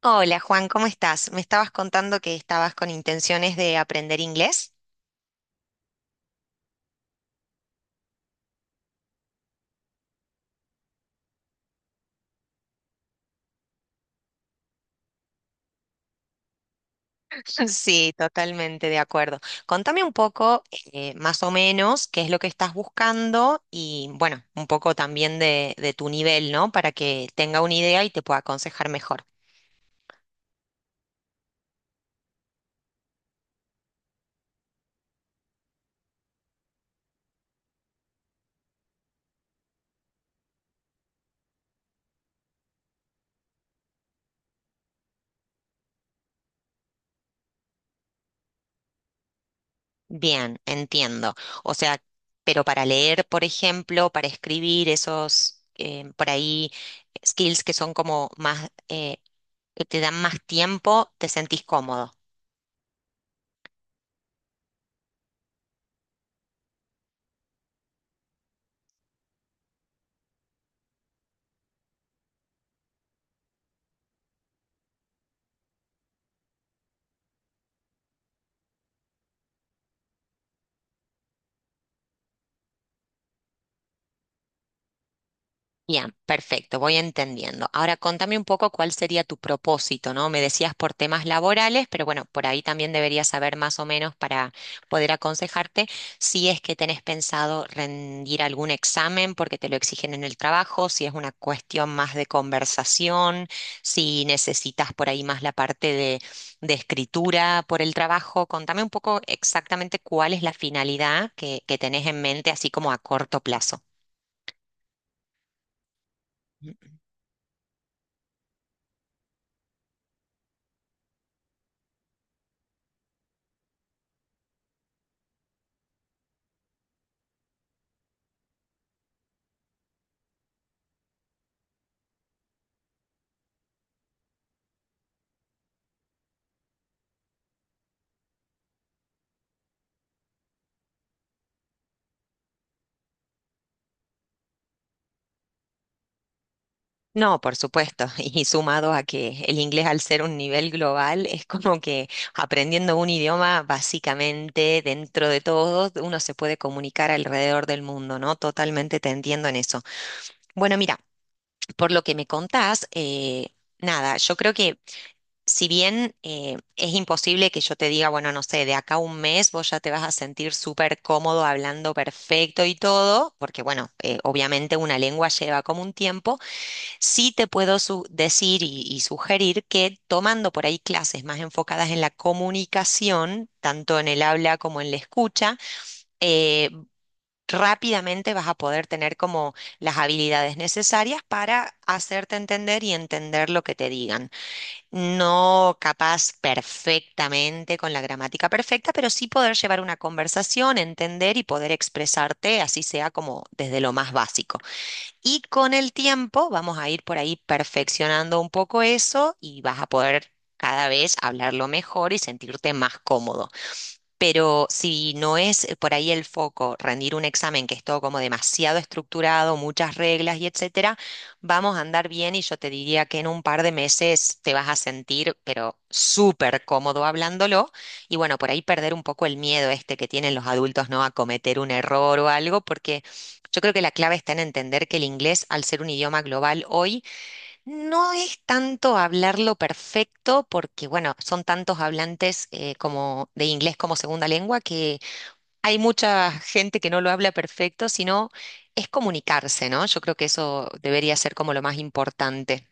Hola Juan, ¿cómo estás? Me estabas contando que estabas con intenciones de aprender inglés. Sí, totalmente de acuerdo. Contame un poco, más o menos, qué es lo que estás buscando y, bueno, un poco también de tu nivel, ¿no? Para que tenga una idea y te pueda aconsejar mejor. Bien, entiendo. O sea, pero para leer, por ejemplo, para escribir esos, por ahí, skills que son como más, que te dan más tiempo, ¿te sentís cómodo? Bien, perfecto, voy entendiendo. Ahora contame un poco cuál sería tu propósito, ¿no? Me decías por temas laborales, pero bueno, por ahí también deberías saber más o menos para poder aconsejarte si es que tenés pensado rendir algún examen porque te lo exigen en el trabajo, si es una cuestión más de conversación, si necesitas por ahí más la parte de escritura por el trabajo. Contame un poco exactamente cuál es la finalidad que tenés en mente, así como a corto plazo. No, por supuesto. Y sumado a que el inglés al ser un nivel global es como que aprendiendo un idioma básicamente dentro de todo uno se puede comunicar alrededor del mundo, ¿no? Totalmente te entiendo en eso. Bueno, mira, por lo que me contás, nada, yo creo que si bien es imposible que yo te diga, bueno, no sé, de acá a un mes vos ya te vas a sentir súper cómodo hablando perfecto y todo, porque bueno, obviamente una lengua lleva como un tiempo. Sí te puedo decir y sugerir que tomando por ahí clases más enfocadas en la comunicación, tanto en el habla como en la escucha, eh, rápidamente vas a poder tener como las habilidades necesarias para hacerte entender y entender lo que te digan. No capaz perfectamente con la gramática perfecta, pero sí poder llevar una conversación, entender y poder expresarte, así sea como desde lo más básico. Y con el tiempo vamos a ir por ahí perfeccionando un poco eso y vas a poder cada vez hablarlo mejor y sentirte más cómodo. Pero si no es por ahí el foco rendir un examen que es todo como demasiado estructurado, muchas reglas y etcétera, vamos a andar bien y yo te diría que en un par de meses te vas a sentir pero súper cómodo hablándolo y bueno, por ahí perder un poco el miedo este que tienen los adultos, ¿no? A cometer un error o algo, porque yo creo que la clave está en entender que el inglés, al ser un idioma global hoy, no es tanto hablarlo perfecto, porque bueno, son tantos hablantes como de inglés como segunda lengua que hay mucha gente que no lo habla perfecto, sino es comunicarse, ¿no? Yo creo que eso debería ser como lo más importante.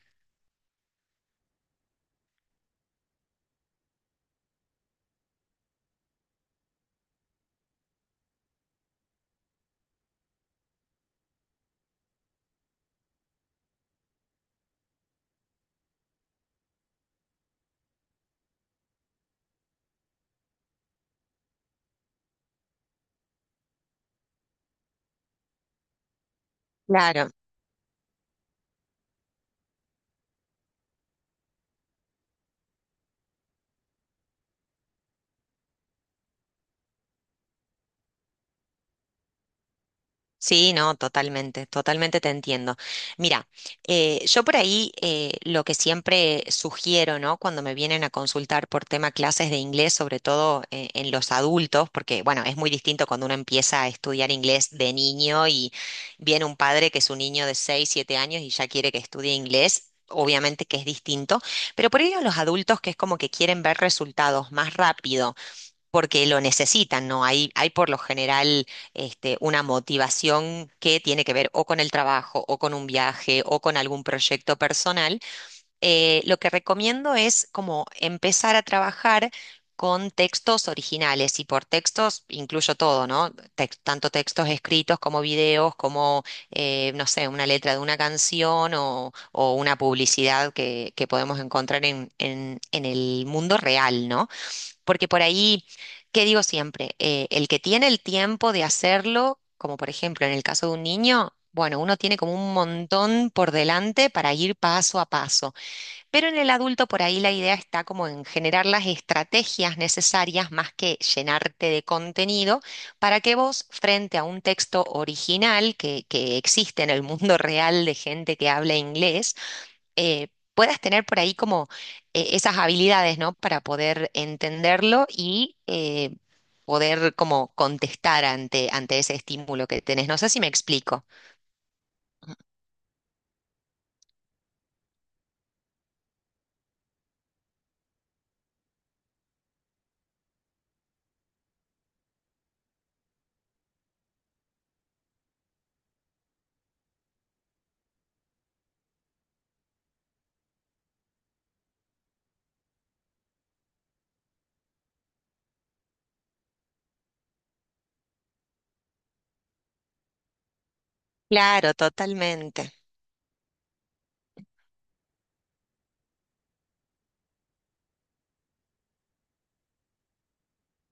Claro. Sí, no, totalmente, totalmente te entiendo. Mira, yo por ahí lo que siempre sugiero, ¿no? Cuando me vienen a consultar por tema clases de inglés, sobre todo en los adultos, porque bueno, es muy distinto cuando uno empieza a estudiar inglés de niño y viene un padre que es un niño de 6, 7 años y ya quiere que estudie inglés. Obviamente que es distinto, pero por ahí a los adultos que es como que quieren ver resultados más rápido porque lo necesitan, ¿no? Hay por lo general este, una motivación que tiene que ver o con el trabajo, o con un viaje, o con algún proyecto personal. Lo que recomiendo es como empezar a trabajar con textos originales, y por textos incluyo todo, ¿no? Tanto textos escritos como videos, como, no sé, una letra de una canción o una publicidad que podemos encontrar en, en el mundo real, ¿no? Porque por ahí, ¿qué digo siempre? El que tiene el tiempo de hacerlo, como por ejemplo en el caso de un niño, bueno, uno tiene como un montón por delante para ir paso a paso. Pero en el adulto por ahí la idea está como en generar las estrategias necesarias más que llenarte de contenido para que vos, frente a un texto original que existe en el mundo real de gente que habla inglés, eh, puedas tener por ahí como esas habilidades, ¿no? Para poder entenderlo y poder como contestar ante ese estímulo que tenés. No sé si me explico. Claro, totalmente.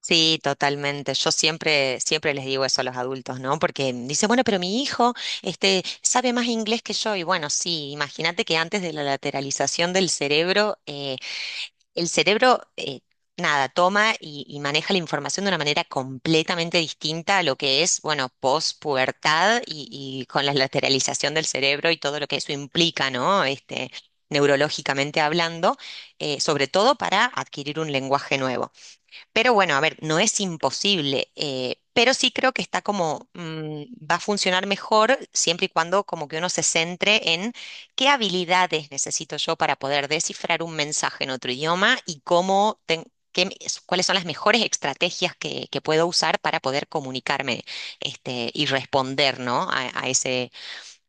Sí, totalmente. Yo siempre, siempre les digo eso a los adultos, ¿no? Porque dice, bueno, pero mi hijo, este, sabe más inglés que yo. Y bueno, sí, imagínate que antes de la lateralización del cerebro, el cerebro, nada, toma y maneja la información de una manera completamente distinta a lo que es, bueno, pospubertad y con la lateralización del cerebro y todo lo que eso implica, ¿no? Este, neurológicamente hablando, sobre todo para adquirir un lenguaje nuevo. Pero bueno, a ver, no es imposible, pero sí creo que está como, va a funcionar mejor siempre y cuando como que uno se centre en qué habilidades necesito yo para poder descifrar un mensaje en otro idioma y cómo cuáles son las mejores estrategias que puedo usar para poder comunicarme este, y responder, ¿no?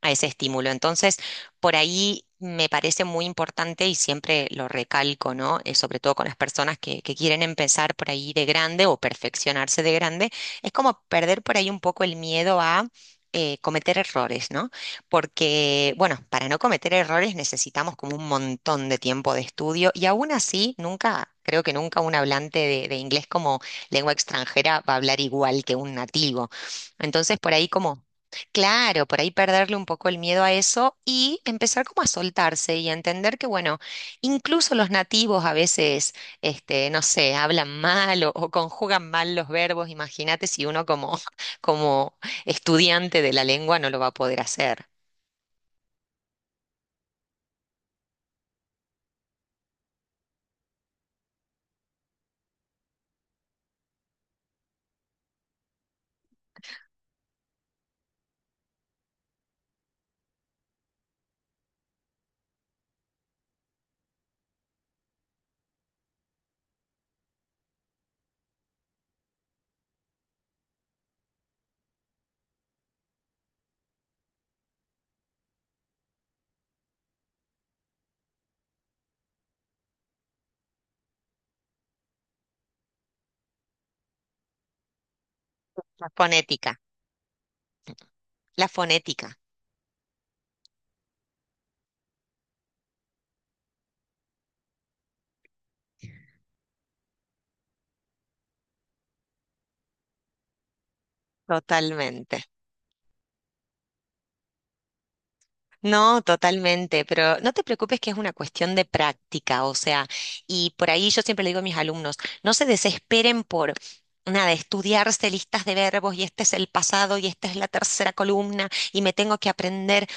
a ese estímulo. Entonces, por ahí me parece muy importante y siempre lo recalco, ¿no? Sobre todo con las personas que quieren empezar por ahí de grande o perfeccionarse de grande, es como perder por ahí un poco el miedo a... cometer errores, ¿no? Porque, bueno, para no cometer errores necesitamos como un montón de tiempo de estudio y aún así, nunca, creo que nunca un hablante de inglés como lengua extranjera va a hablar igual que un nativo. Entonces, por ahí como Claro, por ahí perderle un poco el miedo a eso y empezar como a soltarse y a entender que, bueno, incluso los nativos a veces, este, no sé, hablan mal o conjugan mal los verbos. Imagínate si uno como, como estudiante de la lengua no lo va a poder hacer. La fonética, la fonética, totalmente. No, totalmente, pero no te preocupes que es una cuestión de práctica, o sea, y por ahí yo siempre le digo a mis alumnos, no se desesperen por nada, estudiarse listas de verbos y este es el pasado y esta es la tercera columna y me tengo que aprender.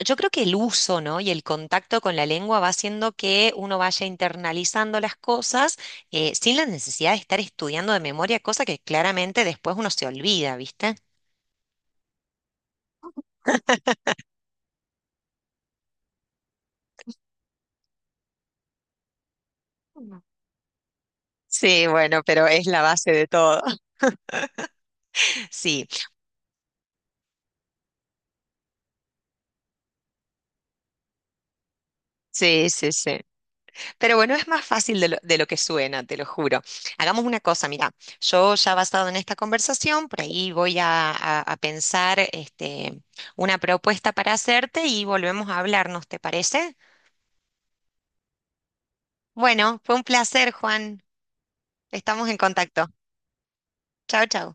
Yo creo que el uso, ¿no? Y el contacto con la lengua va haciendo que uno vaya internalizando las cosas sin la necesidad de estar estudiando de memoria, cosa que claramente después uno se olvida, ¿viste? Mm. Sí, bueno, pero es la base de todo. Sí. Sí, sí, sí. Pero bueno, es más fácil de lo que suena, te lo juro. Hagamos una cosa, mira, yo ya basado en esta conversación, por ahí voy a, a pensar este, una propuesta para hacerte y volvemos a hablarnos, ¿te parece? Bueno, fue un placer, Juan. Estamos en contacto. Chao, chao.